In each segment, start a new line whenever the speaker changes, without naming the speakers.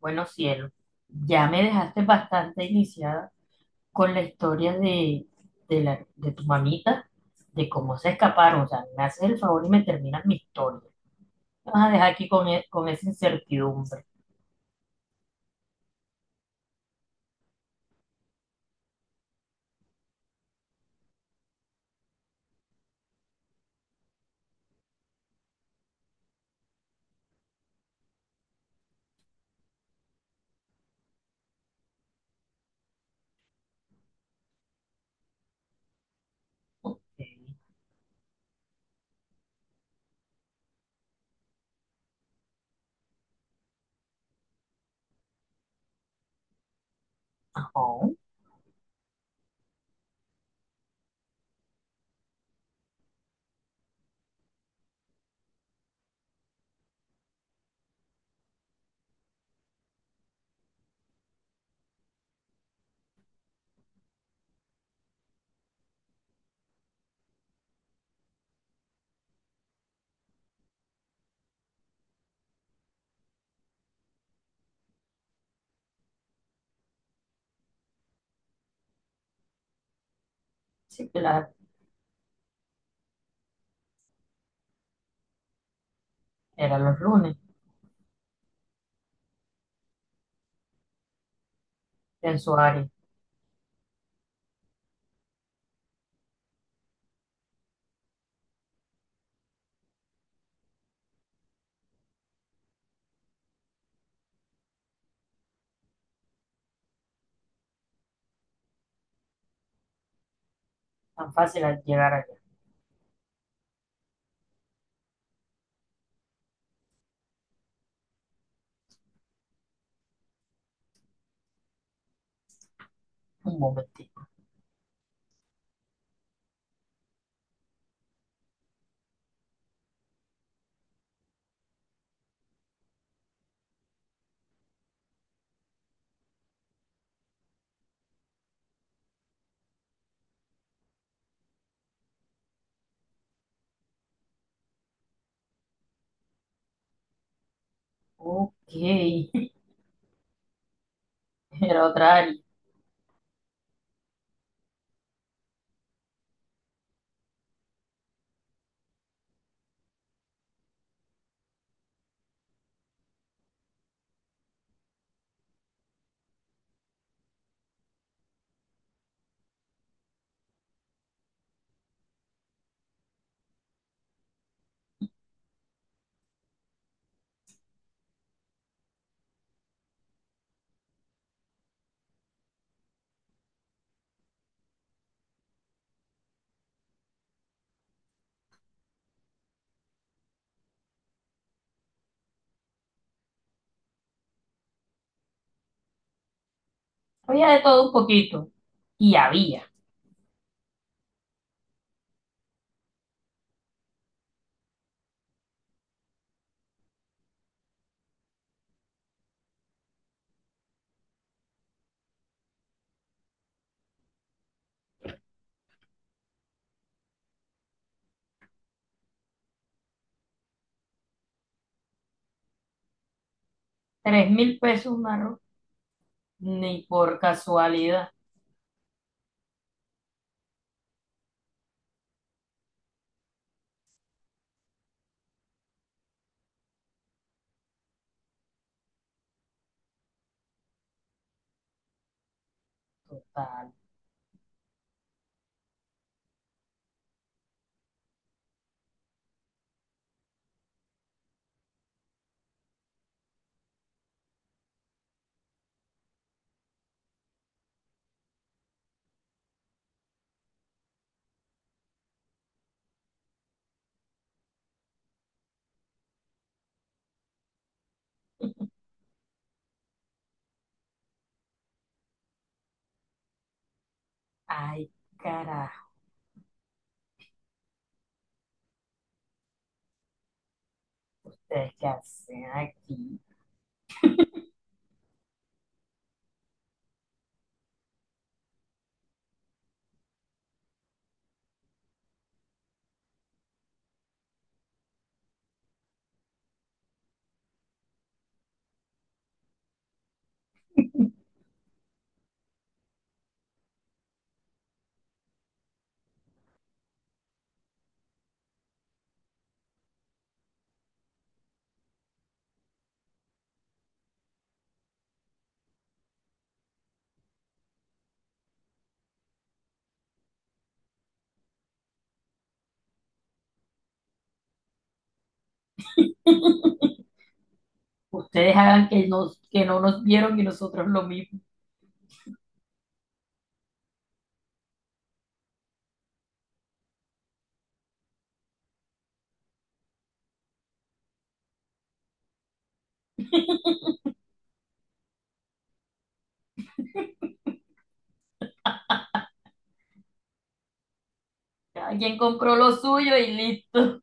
Bueno, cielo, ya me dejaste bastante iniciada con la historia de tu mamita, de cómo se escaparon. O sea, me haces el favor y me terminas mi historia. Me vas a dejar aquí con esa incertidumbre. Ok, ajá. Sí, claro, era los lunes en su área. Tan fácil al llegar allá. Un momentito. Ok, era otra área. Había de todo un poquito. Y había 3.000 pesos, Marro, ni por casualidad. Total. Ay, carajo, ¿ustedes qué hacen aquí? Ustedes hagan que, nos, que no nos vieron y nosotros lo mismo. Cada quien compró lo suyo y listo.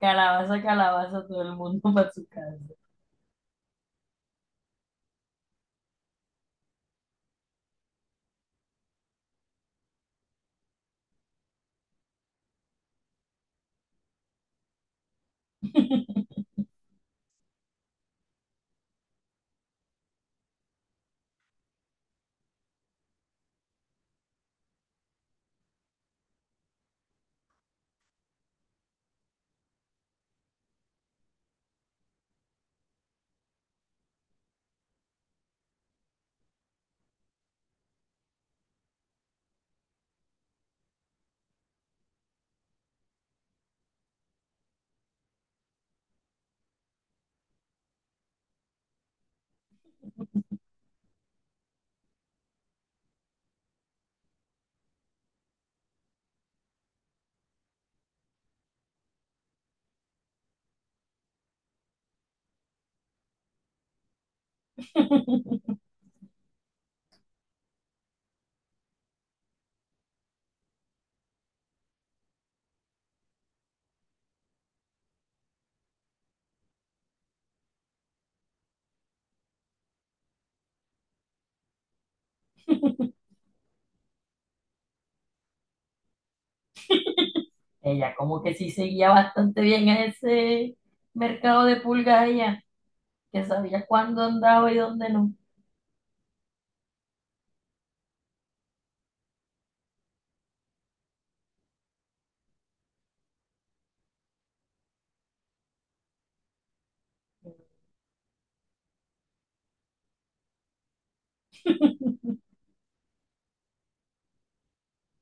Calabaza, calabaza, todo el mundo para su casa. Ella como que sí seguía bastante bien a ese mercado de pulgas allá, que sabía cuándo andaba y dónde no.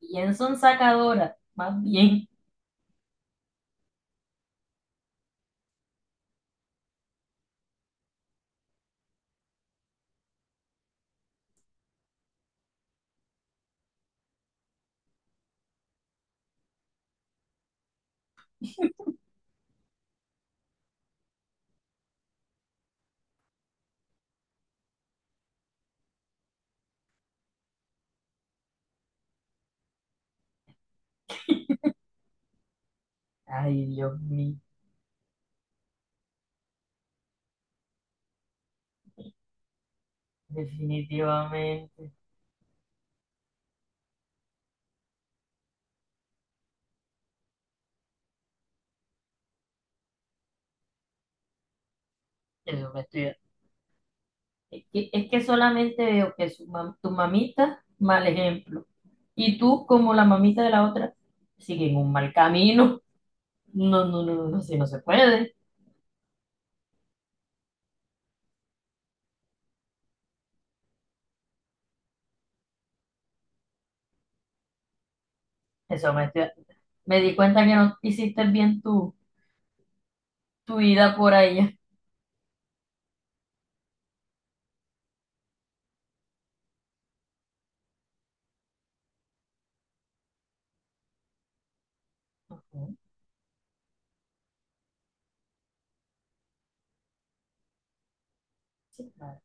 Bien son sacadoras, más bien. Ay, Dios mío, definitivamente. Eso me estoy es que solamente veo que tu mamita, mal ejemplo, y tú como la mamita de la otra, siguen un mal camino. No, no, no, no, no, si no se puede. Eso me, estoy- Me di cuenta que no hiciste bien tu vida por ella. Ujú, sí, claro,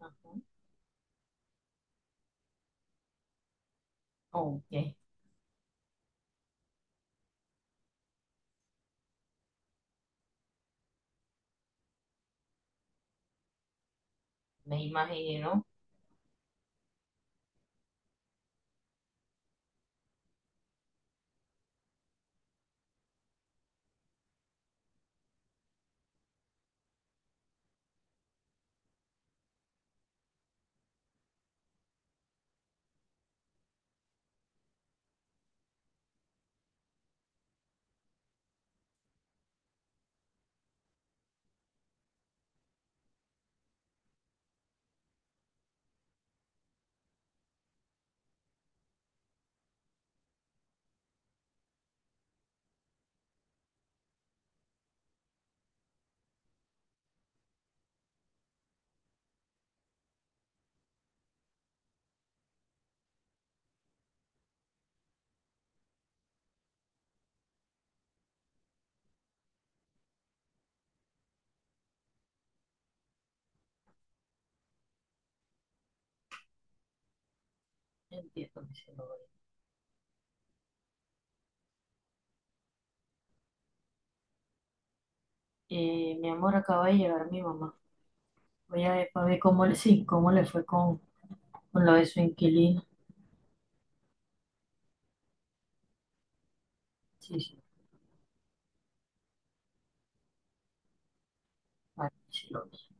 ujú. Ok, me imagino. Entiendo mi celular. Mi amor, acaba de llegar mi mamá. Voy a ver para ver cómo le, sí, cómo le fue con lo de su inquilino. Sí, sí, vale, sí lo vi.